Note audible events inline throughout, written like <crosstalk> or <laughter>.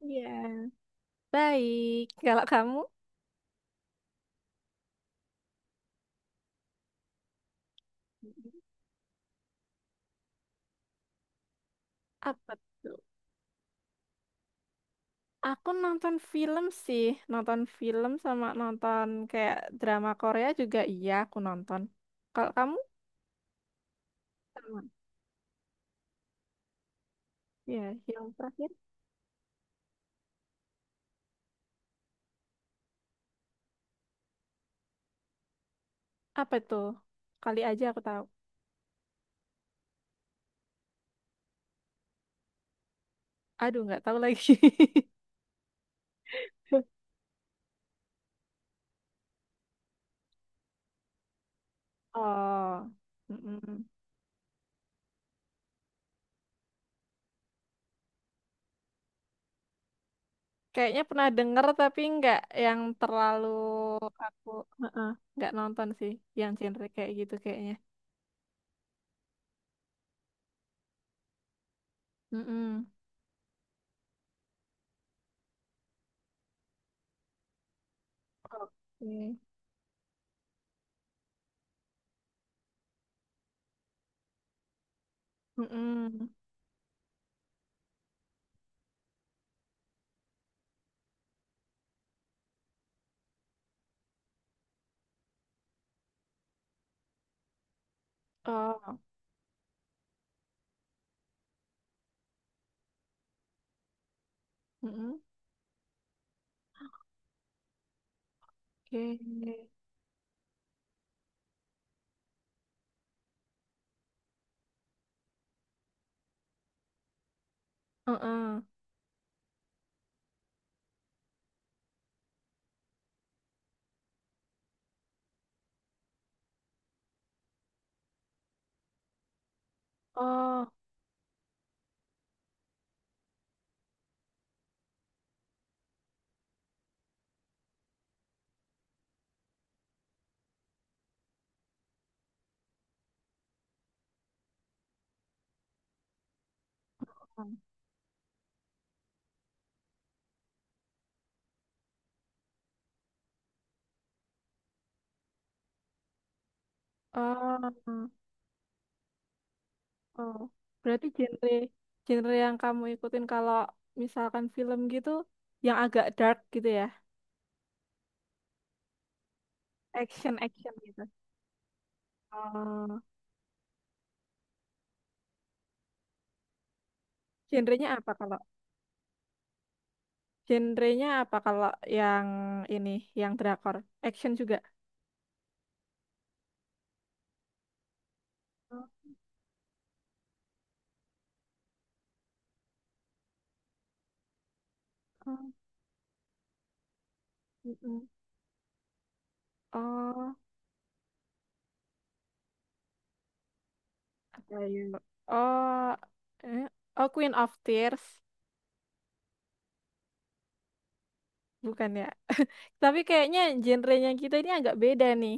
Iya. Baik. Kalau kamu, apa tuh? Aku nonton film sih, nonton film sama nonton kayak drama Korea juga iya aku nonton. Kalau kamu sama. Ya, yang terakhir apa tuh? Kali aja aku tahu. Aduh, nggak tahu lagi. <laughs> Oh, mm-mm. Kayaknya pernah denger tapi nggak yang terlalu aku. Heeh, nggak nonton sih yang genre kayak gitu kayaknya. Mm-mm. Oke. Mm-mm. Oh, mm-mm. Oke. Heeh. Oh, oh, oh. Berarti genre genre yang kamu ikutin kalau misalkan film gitu yang agak dark gitu ya, action action gitu. Oh, genrenya apa kalau genrenya apa kalau yang ini yang drakor, action juga. Oh, oh, mm-mm. Oh, apa ya? Oh, eh, oh Queen of Tears bukan ya? Tapi kayaknya genrenya kita ini agak beda nih.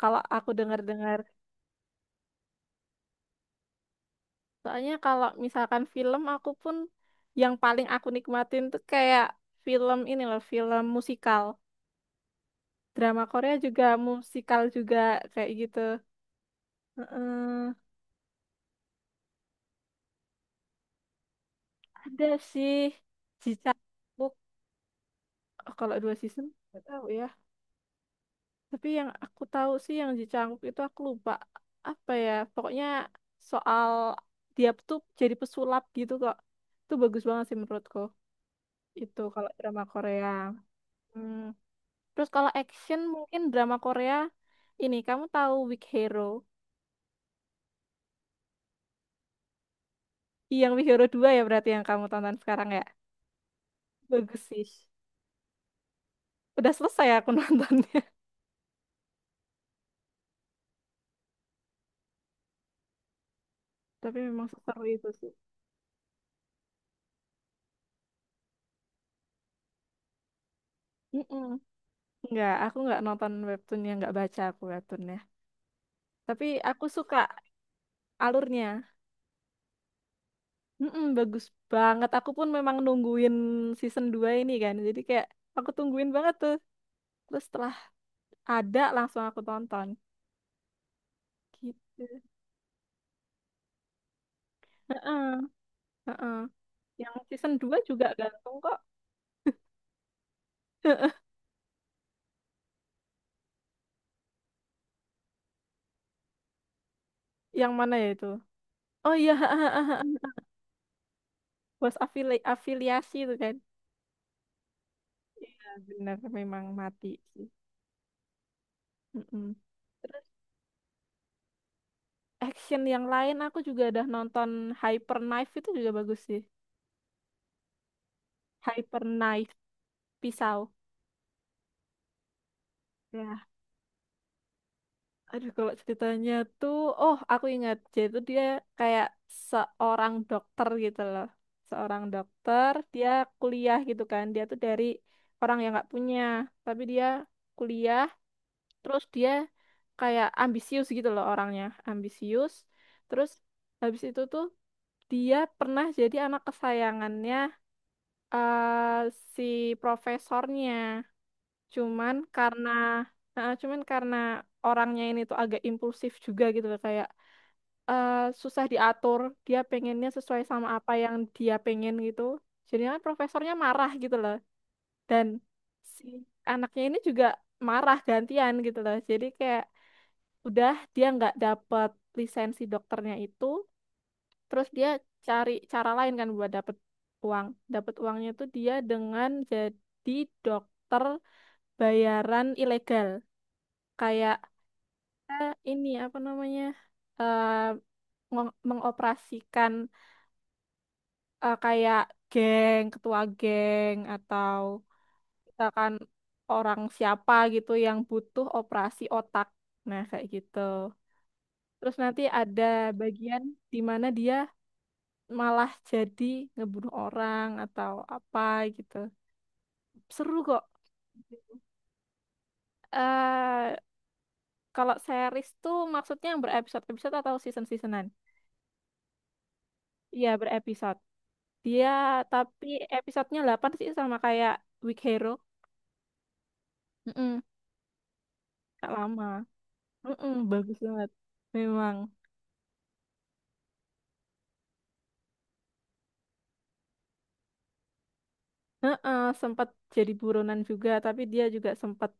Kalau aku dengar-dengar. Soalnya kalau misalkan film aku pun yang paling aku nikmatin tuh kayak film ini loh, film musikal. Drama Korea juga musikal juga kayak gitu. Heeh. Ada sih Jicangkook. Oh, kalau dua season nggak tahu ya. Tapi yang aku tahu sih yang Jicangkook itu aku lupa apa ya. Pokoknya soal dia tuh jadi pesulap gitu kok. Itu bagus banget sih menurutku. Itu kalau drama Korea. Hmm. Terus kalau action mungkin drama Korea ini, kamu tahu Weak Hero? Ih, yang Weak Hero 2 ya berarti yang kamu tonton sekarang ya. Bagus sih. Udah selesai aku <laughs> nontonnya. Tapi memang seseru itu sih. Mm-mm. Nggak, aku nggak nonton webtoonnya, nggak baca aku webtoonnya. Tapi aku suka alurnya. Mm-mm, bagus banget. Aku pun memang nungguin season 2 ini kan. Jadi kayak aku tungguin banget tuh. Terus setelah ada langsung aku tonton. Gitu. Heeh. Heeh. Yang season 2 juga ganteng kok. Heeh. Yang mana ya itu? Oh iya, <laughs> bos afiliasi itu kan. Iya, bener memang mati sih. Mm-mm. Terus action yang lain aku juga udah nonton Hyper Knife itu juga bagus sih. Hyper Knife pisau. Ya. Aduh, kalau ceritanya tuh, oh aku ingat, jadi tuh dia kayak seorang dokter gitu loh. Seorang dokter, dia kuliah gitu kan. Dia tuh dari orang yang nggak punya, tapi dia kuliah, terus dia kayak ambisius gitu loh orangnya, ambisius. Terus habis itu tuh dia pernah jadi anak kesayangannya eh, si profesornya. Cuman karena cuman karena orangnya ini tuh agak impulsif juga gitu loh, kayak eh, susah diatur, dia pengennya sesuai sama apa yang dia pengen gitu. Jadi kan profesornya marah gitu loh. Dan si anaknya ini juga marah gantian gitu loh. Jadi kayak udah dia nggak dapet lisensi dokternya itu, terus dia cari cara lain kan buat dapet uang. Dapet uangnya tuh dia dengan jadi dokter bayaran ilegal kayak kita ini apa namanya eh, mengoperasikan kayak geng, ketua geng atau misalkan orang siapa gitu yang butuh operasi otak. Nah, kayak gitu. Terus nanti ada bagian di mana dia malah jadi ngebunuh orang atau apa gitu. Seru kok. eh Kalau series tuh maksudnya yang berepisode-episode atau season-seasonan? Iya, berepisode. Dia tapi episodenya 8 sih sama kayak Weak Hero. Mm-mm. Gak lama. Mm-mm, <laughs> bagus banget. Memang. Heeh, sempat jadi buronan juga, tapi dia juga sempat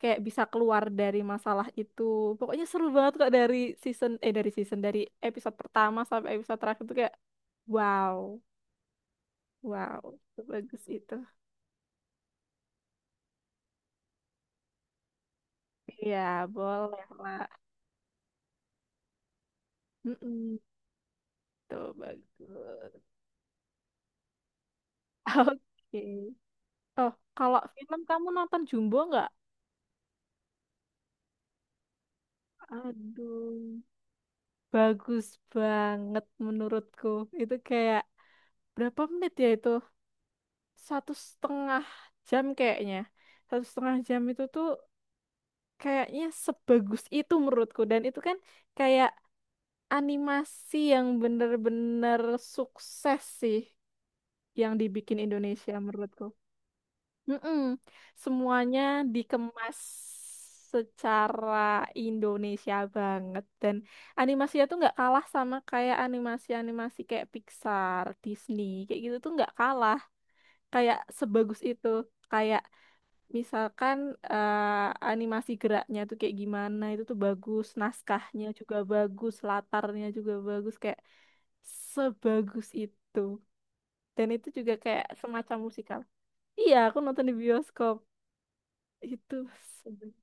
kayak bisa keluar dari masalah itu. Pokoknya seru banget kok dari season eh dari season dari episode pertama sampai episode terakhir tuh kayak wow, wow, bagus itu. Iya, boleh lah. Mm-mm, tuh bagus. <laughs> Oke. Oh, kalau film kamu nonton Jumbo nggak? Aduh, bagus banget menurutku. Itu kayak berapa menit ya itu? Satu setengah jam kayaknya. Satu setengah jam itu tuh kayaknya sebagus itu menurutku. Dan itu kan kayak animasi yang bener-bener sukses sih yang dibikin Indonesia menurutku. Mm-mm. Semuanya dikemas secara Indonesia banget dan animasinya tuh nggak kalah sama kayak animasi-animasi kayak Pixar, Disney kayak gitu tuh nggak kalah kayak sebagus itu, kayak misalkan animasi geraknya tuh kayak gimana itu tuh bagus, naskahnya juga bagus, latarnya juga bagus, kayak sebagus itu, dan itu juga kayak semacam musikal, iya aku nonton di bioskop itu. sebe-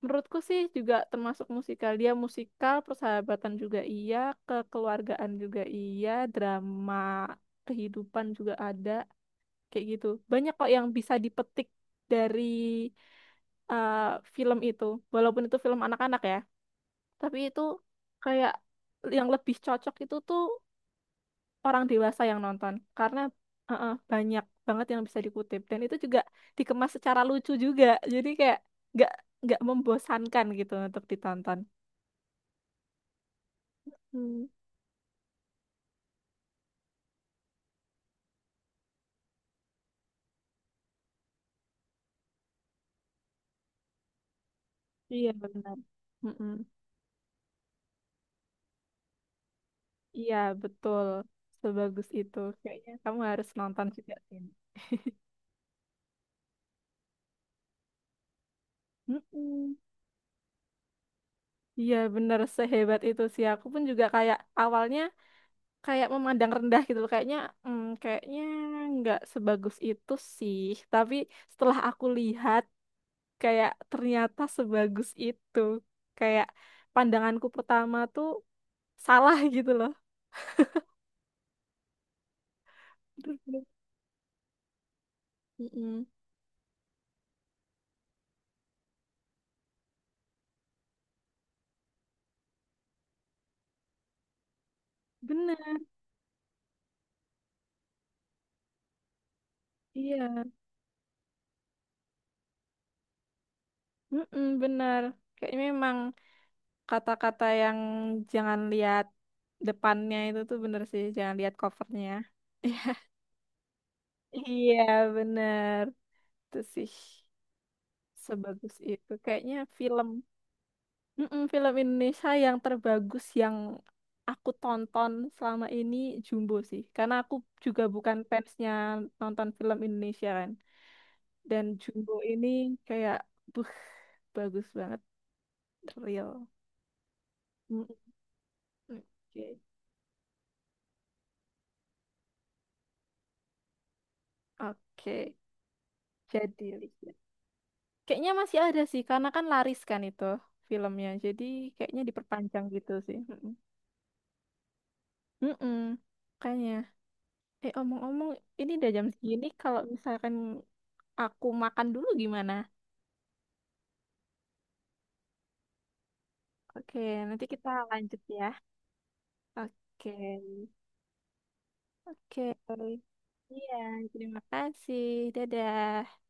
Menurutku sih juga termasuk musikal. Dia musikal, persahabatan juga iya, kekeluargaan juga iya, drama kehidupan juga ada, kayak gitu. Banyak kok yang bisa dipetik dari eh, film itu. Walaupun itu film anak-anak ya, tapi itu kayak yang lebih cocok itu tuh orang dewasa yang nonton karena uh-uh, banyak banget yang bisa dikutip dan itu juga dikemas secara lucu juga jadi kayak nggak nggak membosankan gitu untuk ditonton. Hmm, iya benar. Mm-mm. Iya betul sebagus itu kayaknya kamu harus nonton juga, Tin. Mm-mm. Iya benar sehebat itu sih aku pun juga kayak awalnya kayak memandang rendah gitu loh. Kayaknya nggak sebagus itu sih, tapi setelah aku lihat kayak ternyata sebagus itu, kayak pandanganku pertama tuh salah <laughs> gitu loh. Bener-bener. Mm-mm. Bener. Iya. Mm-mm, bener kayaknya memang kata-kata yang jangan lihat depannya itu tuh bener sih, jangan lihat covernya. <laughs> Iya bener itu sih, sebagus itu kayaknya film. Mm-mm, film Indonesia yang terbagus yang aku tonton selama ini Jumbo sih. Karena aku juga bukan fansnya nonton film Indonesia kan. Dan Jumbo ini kayak, buh, bagus banget. Real. Mm-mm. Oke. Oke. Jadi, Lisya. Kayaknya masih ada sih, karena kan laris kan itu filmnya. Jadi kayaknya diperpanjang gitu sih. Mm-mm. Mm-mm. Kayaknya. Eh, omong-omong, ini udah jam segini. Kalau misalkan, aku makan dulu gimana? Oke, nanti kita lanjut ya. Oke, oke. Iya, terima kasih. Dadah.